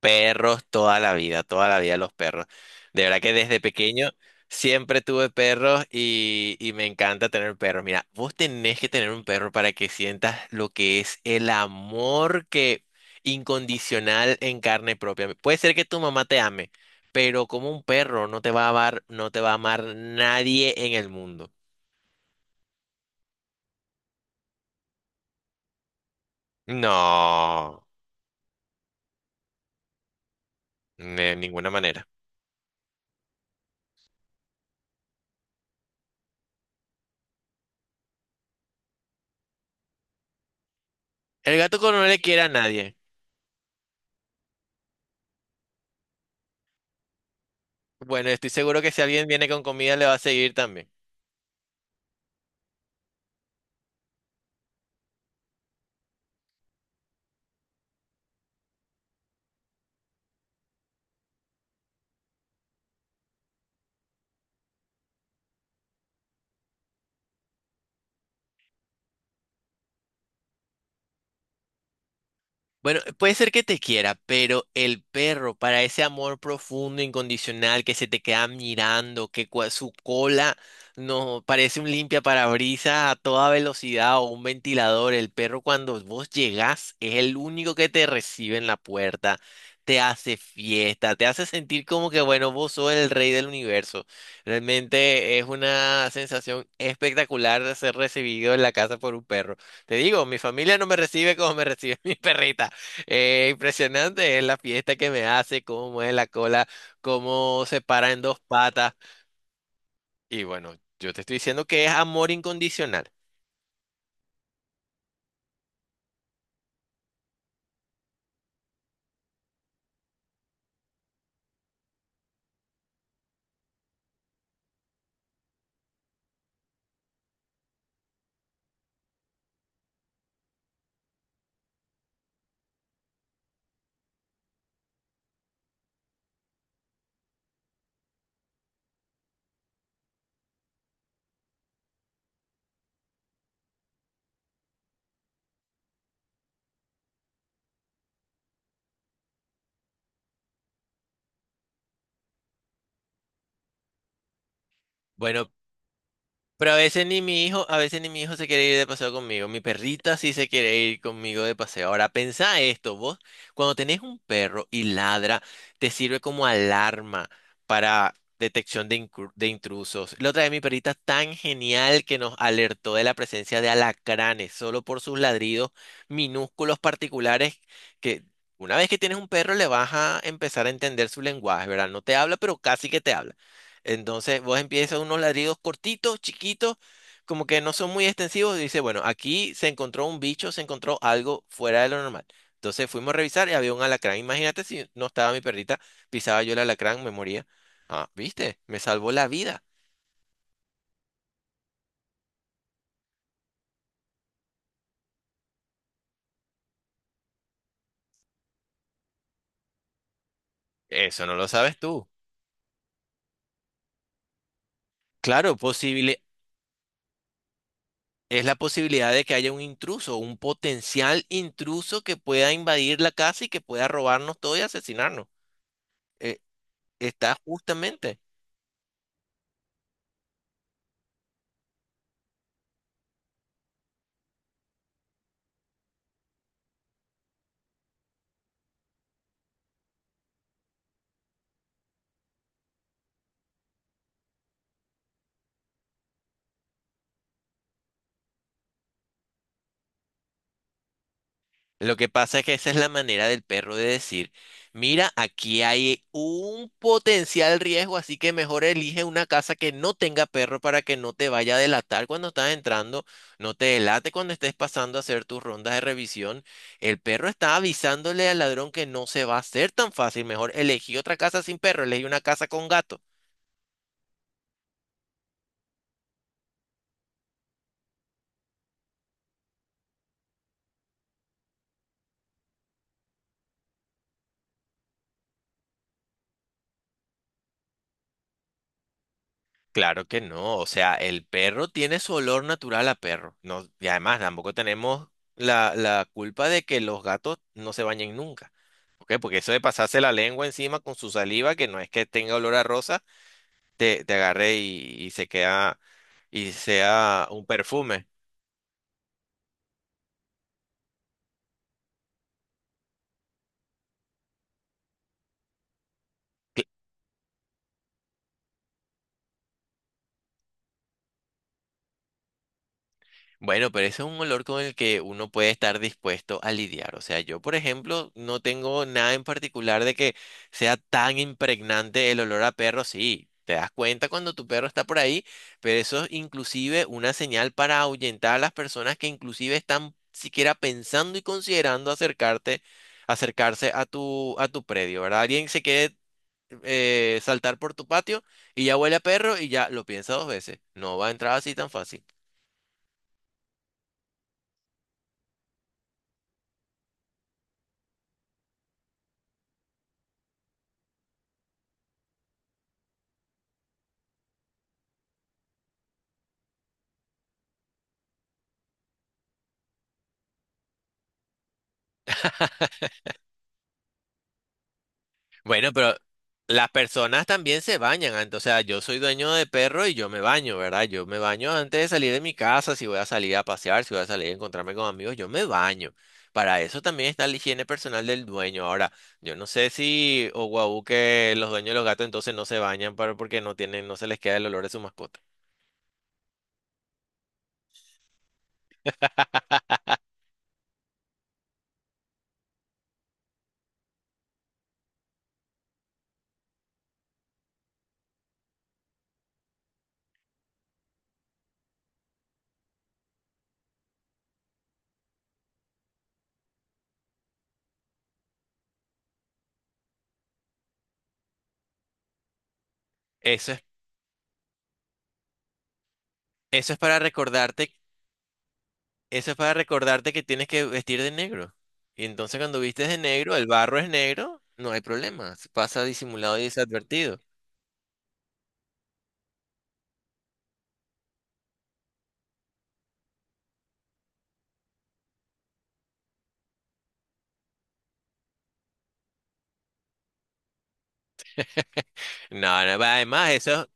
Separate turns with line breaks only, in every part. Perros toda la vida los perros. De verdad que desde pequeño siempre tuve perros y me encanta tener perros. Mira, vos tenés que tener un perro para que sientas lo que es el amor que incondicional en carne propia. Puede ser que tu mamá te ame, pero como un perro no te va a amar, no te va a amar nadie en el mundo. No, de ninguna manera. El gato con no le quiere a nadie. Bueno, estoy seguro que si alguien viene con comida le va a seguir también. Bueno, puede ser que te quiera, pero el perro, para ese amor profundo, incondicional, que se te queda mirando, su cola no parece un limpia parabrisas a toda velocidad o un ventilador, el perro cuando vos llegás es el único que te recibe en la puerta, te hace fiesta, te hace sentir como que, bueno, vos sos el rey del universo. Realmente es una sensación espectacular de ser recibido en la casa por un perro. Te digo, mi familia no me recibe como me recibe mi perrita. Impresionante es la fiesta que me hace, cómo mueve la cola, cómo se para en dos patas. Y bueno, yo te estoy diciendo que es amor incondicional. Bueno, pero a veces ni mi hijo, a veces ni mi hijo se quiere ir de paseo conmigo. Mi perrita sí se quiere ir conmigo de paseo. Ahora, pensá esto, vos, cuando tenés un perro y ladra, te sirve como alarma para de intrusos. La otra vez mi perrita tan genial que nos alertó de la presencia de alacranes, solo por sus ladridos minúsculos particulares que una vez que tienes un perro le vas a empezar a entender su lenguaje, ¿verdad? No te habla, pero casi que te habla. Entonces vos empiezas unos ladridos cortitos, chiquitos, como que no son muy extensivos. Y dice, bueno, aquí se encontró un bicho, se encontró algo fuera de lo normal. Entonces fuimos a revisar y había un alacrán. Imagínate si no estaba mi perrita, pisaba yo el alacrán, me moría. Ah, ¿viste? Me salvó la vida. Eso no lo sabes tú. Claro, posible, es la posibilidad de que haya un intruso, un potencial intruso que pueda invadir la casa y que pueda robarnos todo y asesinarnos. Eh, Está justamente. Lo que pasa es que esa es la manera del perro de decir, mira, aquí hay un potencial riesgo, así que mejor elige una casa que no tenga perro para que no te vaya a delatar cuando estás entrando, no te delate cuando estés pasando a hacer tus rondas de revisión. El perro está avisándole al ladrón que no se va a hacer tan fácil, mejor elegí otra casa sin perro, elegí una casa con gato. Claro que no, o sea, el perro tiene su olor natural a perro. No, y además tampoco tenemos la culpa de que los gatos no se bañen nunca. ¿Ok? Porque eso de pasarse la lengua encima con su saliva, que no es que tenga olor a rosa, te agarre y se queda y sea un perfume. Bueno, pero ese es un olor con el que uno puede estar dispuesto a lidiar. O sea, yo, por ejemplo, no tengo nada en particular de que sea tan impregnante el olor a perro. Sí, te das cuenta cuando tu perro está por ahí, pero eso es inclusive una señal para ahuyentar a las personas que inclusive están siquiera pensando y considerando acercarte, acercarse a tu predio, ¿verdad? Alguien se quiere saltar por tu patio y ya huele a perro y ya lo piensa dos veces. No va a entrar así tan fácil. Bueno, pero las personas también se bañan antes. O sea, yo soy dueño de perro y yo me baño, ¿verdad? Yo me baño antes de salir de mi casa, si voy a salir a pasear, si voy a salir a encontrarme con amigos, yo me baño. Para eso también está la higiene personal del dueño. Ahora, yo no sé si o guau, que los dueños de los gatos entonces no se bañan para, porque no tienen, no se les queda el olor de su mascota. Eso es, eso es para recordarte Eso es para recordarte que tienes que vestir de negro. Y entonces cuando vistes de negro, el barro es negro, no hay problema. Pasa disimulado y desadvertido. No, no, va, además, eso,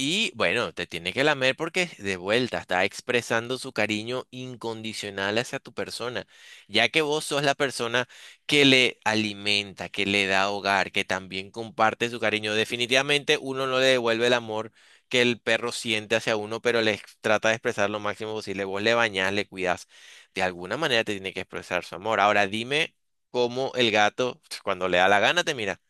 Y bueno, te tiene que lamer porque de vuelta está expresando su cariño incondicional hacia tu persona, ya que vos sos la persona que le alimenta, que le da hogar, que también comparte su cariño. Definitivamente uno no le devuelve el amor que el perro siente hacia uno, pero trata de expresar lo máximo posible. Vos le bañás, le cuidás. De alguna manera te tiene que expresar su amor. Ahora dime cómo el gato, cuando le da la gana, te mira.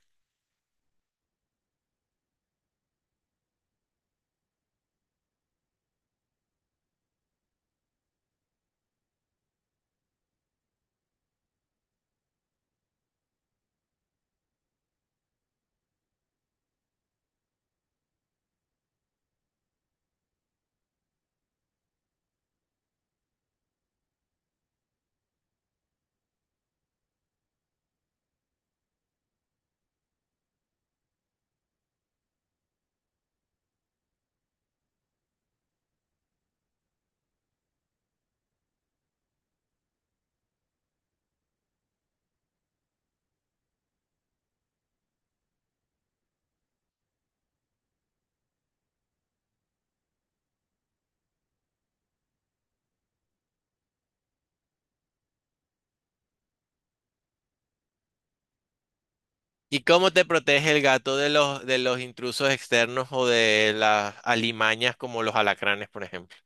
¿Y cómo te protege el gato de los intrusos externos o de las alimañas como los alacranes, por ejemplo?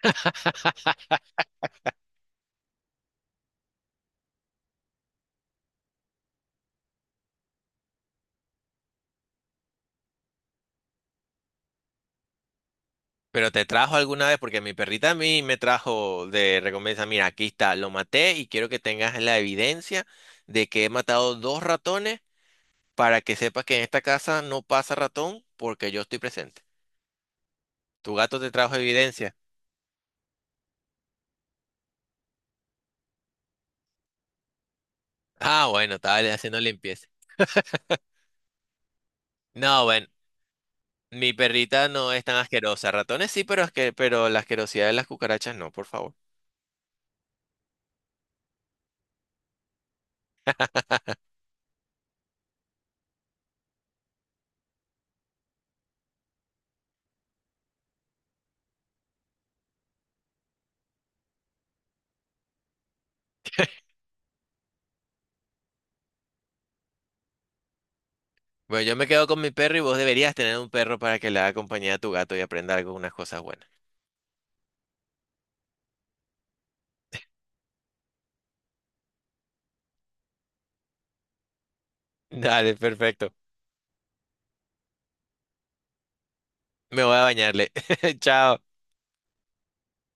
Pero te trajo alguna vez, porque mi perrita a mí me trajo de recompensa, mira, aquí está, lo maté y quiero que tengas la evidencia de que he matado dos ratones para que sepas que en esta casa no pasa ratón porque yo estoy presente. ¿Tu gato te trajo evidencia? Ah, bueno, estaba haciendo limpieza. No, bueno. Mi perrita no es tan asquerosa. Ratones sí, pero, pero la asquerosidad de las cucarachas no, por favor. Bueno, yo me quedo con mi perro y vos deberías tener un perro para que le haga compañía a tu gato y aprenda algunas cosas buenas. Dale, perfecto. Me voy a bañarle. Chao.